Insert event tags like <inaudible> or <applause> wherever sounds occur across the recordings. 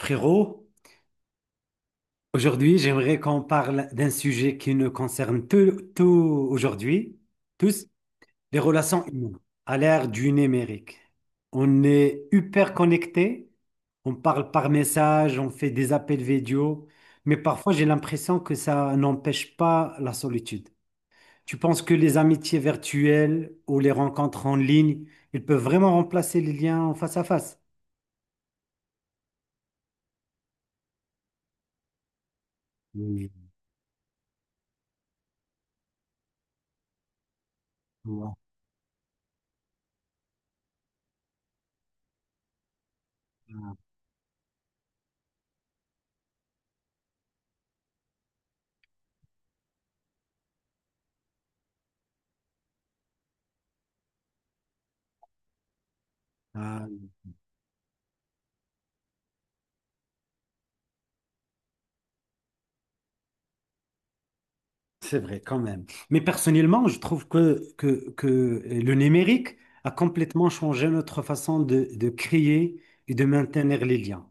Frérot, aujourd'hui, j'aimerais qu'on parle d'un sujet qui nous concerne aujourd'hui, tous, les relations humaines à l'ère du numérique. On est hyper connectés, on parle par message, on fait des appels vidéo, mais parfois j'ai l'impression que ça n'empêche pas la solitude. Tu penses que les amitiés virtuelles ou les rencontres en ligne, ils peuvent vraiment remplacer les liens en face à face? Oui. C'est vrai, quand même. Mais personnellement, je trouve que le numérique a complètement changé notre façon de créer et de maintenir les liens.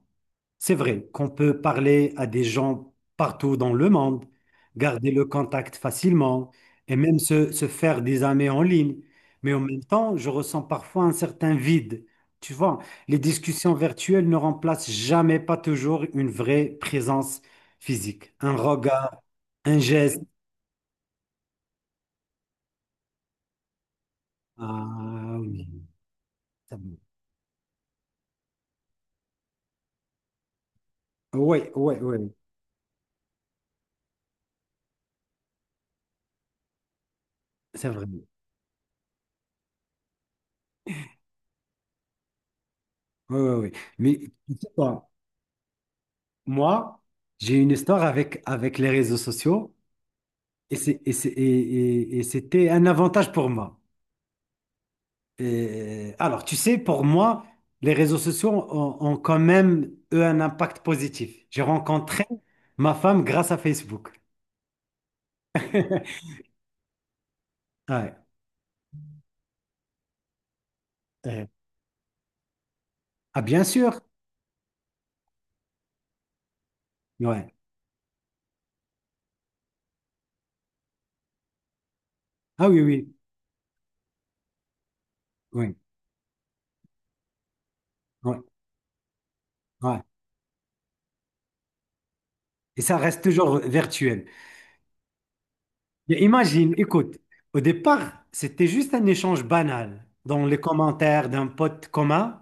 C'est vrai qu'on peut parler à des gens partout dans le monde, garder le contact facilement et même se faire des amis en ligne. Mais en même temps, je ressens parfois un certain vide. Tu vois, les discussions virtuelles ne remplacent jamais, pas toujours, une vraie présence physique, un regard, un geste. Ah oui, ça me- ouais, ouais, ouais, c'est vrai. Ouais, ouais, ouais. Mais tu sais quoi, moi, j'ai une histoire avec les réseaux sociaux et c'est, et c'est- et- et c'était un avantage pour moi. Et, alors, tu sais, pour moi, les réseaux sociaux ont quand même, eux, un impact positif. J'ai rencontré ma femme grâce à Facebook. <laughs> Ouais. Euh, ah, bien sûr. Ouais. Ah oui, oui, oui, ouais, ouais. Et ça reste toujours virtuel. Mais imagine, écoute, au départ, c'était juste un échange banal dans les commentaires d'un pote commun,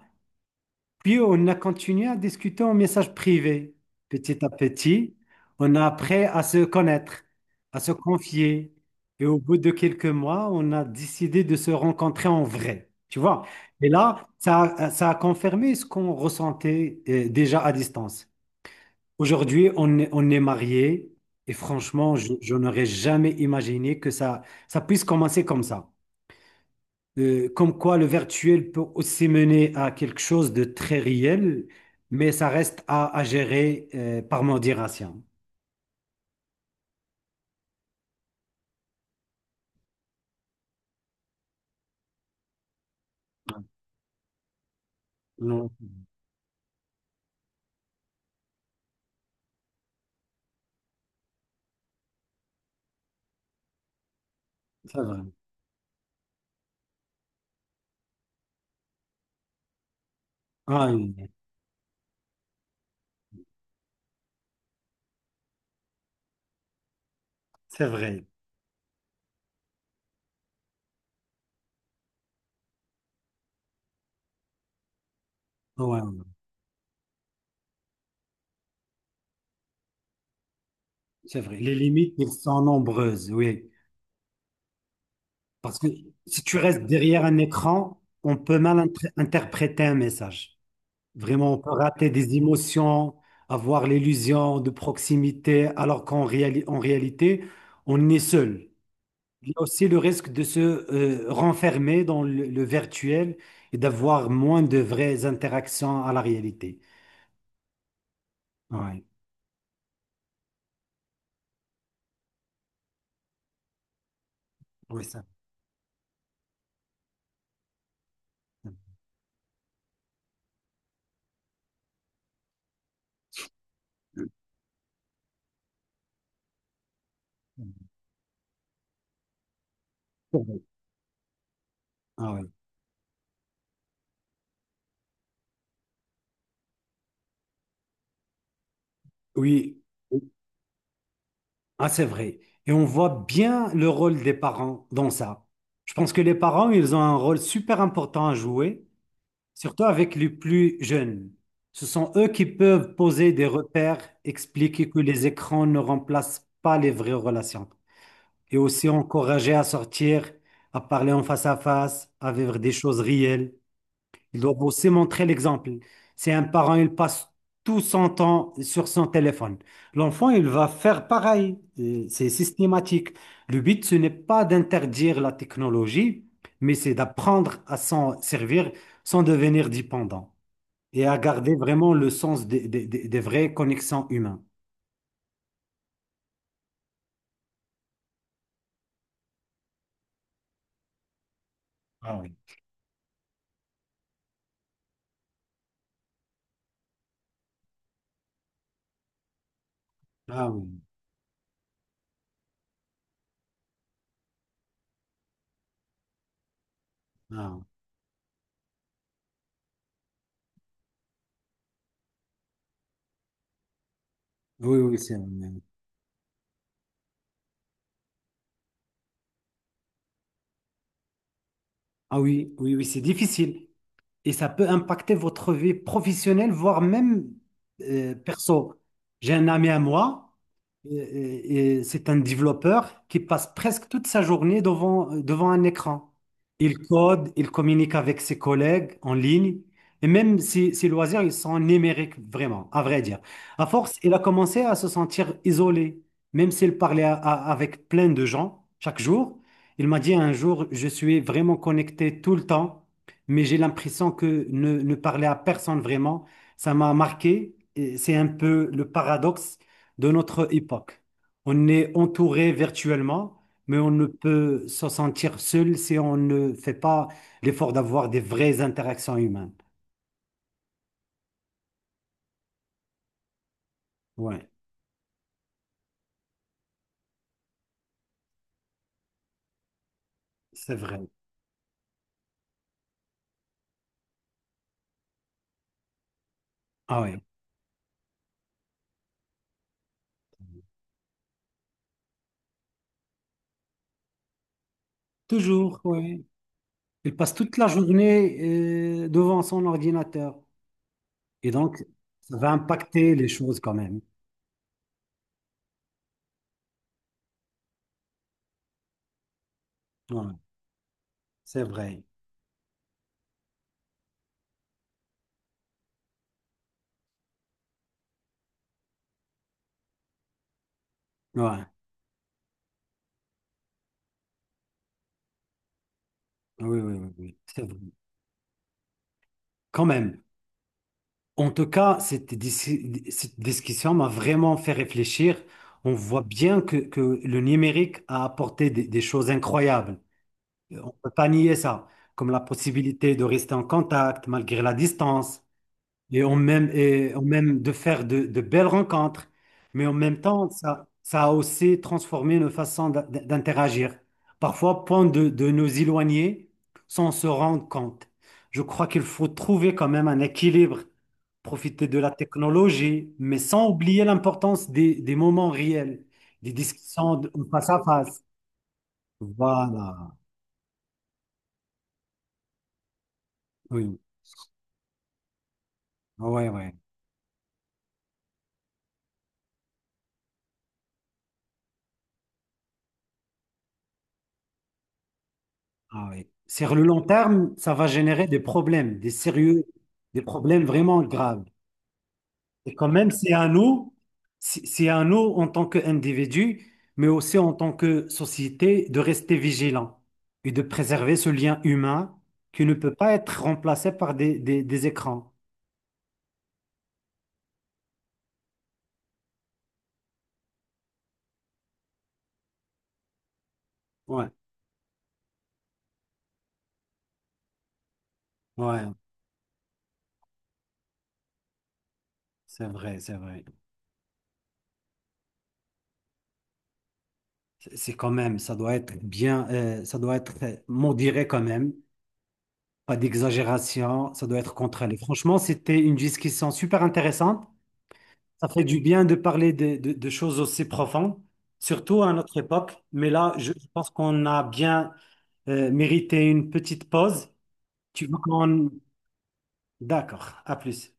puis on a continué à discuter en message privé. Petit à petit, on a appris à se connaître, à se confier, et au bout de quelques mois, on a décidé de se rencontrer en vrai, tu vois. Et là, ça a confirmé ce qu'on ressentait déjà à distance. Aujourd'hui, on est mariés et franchement, je n'aurais jamais imaginé que ça puisse commencer comme ça. Comme quoi le virtuel peut aussi mener à quelque chose de très réel, mais ça reste à gérer par modération. Non, c'est vrai. Ah oui, c'est vrai. Ouais, ouais, c'est vrai. Les limites, elles sont nombreuses, oui. Parce que si tu restes derrière un écran, on peut mal interpréter un message. Vraiment, on peut rater des émotions, avoir l'illusion de proximité, alors en réalité, on est seul. Il y a aussi le risque de se renfermer dans le virtuel et d'avoir moins de vraies interactions à la réalité. Ah ouais. Ouais ça. Ah ouais. Oui, ah, c'est vrai. Et on voit bien le rôle des parents dans ça. Je pense que les parents, ils ont un rôle super important à jouer. Surtout avec les plus jeunes. Ce sont eux qui peuvent poser des repères, expliquer que les écrans ne remplacent pas les vraies relations et aussi encourager à sortir, à parler en face à face, à vivre des choses réelles. Ils doivent aussi montrer l'exemple. Si un parent, il passe tout son temps sur son téléphone, l'enfant, il va faire pareil. C'est systématique. Le but, ce n'est pas d'interdire la technologie, mais c'est d'apprendre à s'en servir sans devenir dépendant et à garder vraiment le sens des vraies connexions humaines. Ah oui. Ah oui, ah oui, oui, oui, c'est, ah oui, oui, oui, c'est difficile. Et ça peut impacter votre vie professionnelle, voire même perso. J'ai un ami à moi, et c'est un développeur qui passe presque toute sa journée devant un écran. Il code, il communique avec ses collègues en ligne, et même ses loisirs, ils sont numériques, vraiment, à vrai dire. À force, il a commencé à se sentir isolé, même s'il parlait avec plein de gens chaque jour. Il m'a dit un jour, je suis vraiment connecté tout le temps mais j'ai l'impression que ne parler à personne vraiment, ça m'a marqué. Et c'est un peu le paradoxe de notre époque. On est entouré virtuellement, mais on ne peut se sentir seul si on ne fait pas l'effort d'avoir des vraies interactions humaines. Ouais, c'est vrai. Ah ouais, toujours, ouais. Il passe toute la journée devant son ordinateur. Et donc, ça va impacter les choses quand même. Ouais, c'est vrai. Ouais. Oui, oui, oui, oui, c'est vrai. Quand même. En tout cas, cette discussion m'a vraiment fait réfléchir. On voit bien que le numérique a apporté des choses incroyables. On ne peut pas nier ça, comme la possibilité de rester en contact malgré la distance, et on même de faire de belles rencontres, mais en même temps, ça a aussi transformé nos façons d'interagir. Parfois, point de nous éloigner sans se rendre compte. Je crois qu'il faut trouver quand même un équilibre, profiter de la technologie, mais sans oublier l'importance des moments réels, des discussions face à face. Voilà. Oui, ouais, ouais. Ah oui. Sur le long terme, ça va générer des problèmes, des sérieux, des problèmes vraiment graves. Et quand même, c'est à nous en tant qu'individus, mais aussi en tant que société, de rester vigilants et de préserver ce lien humain qui ne peut pas être remplacé par des écrans. Ouais, ouais, c'est vrai, c'est vrai. C'est quand même, ça doit être bien, ça doit être modéré quand même. Pas d'exagération, ça doit être contrôlé. Franchement, c'était une discussion super intéressante. Ça fait du bien de parler de choses aussi profondes, surtout à notre époque. Mais là, je pense qu'on a bien mérité une petite pause. Tu veux qu'on... D'accord, à plus.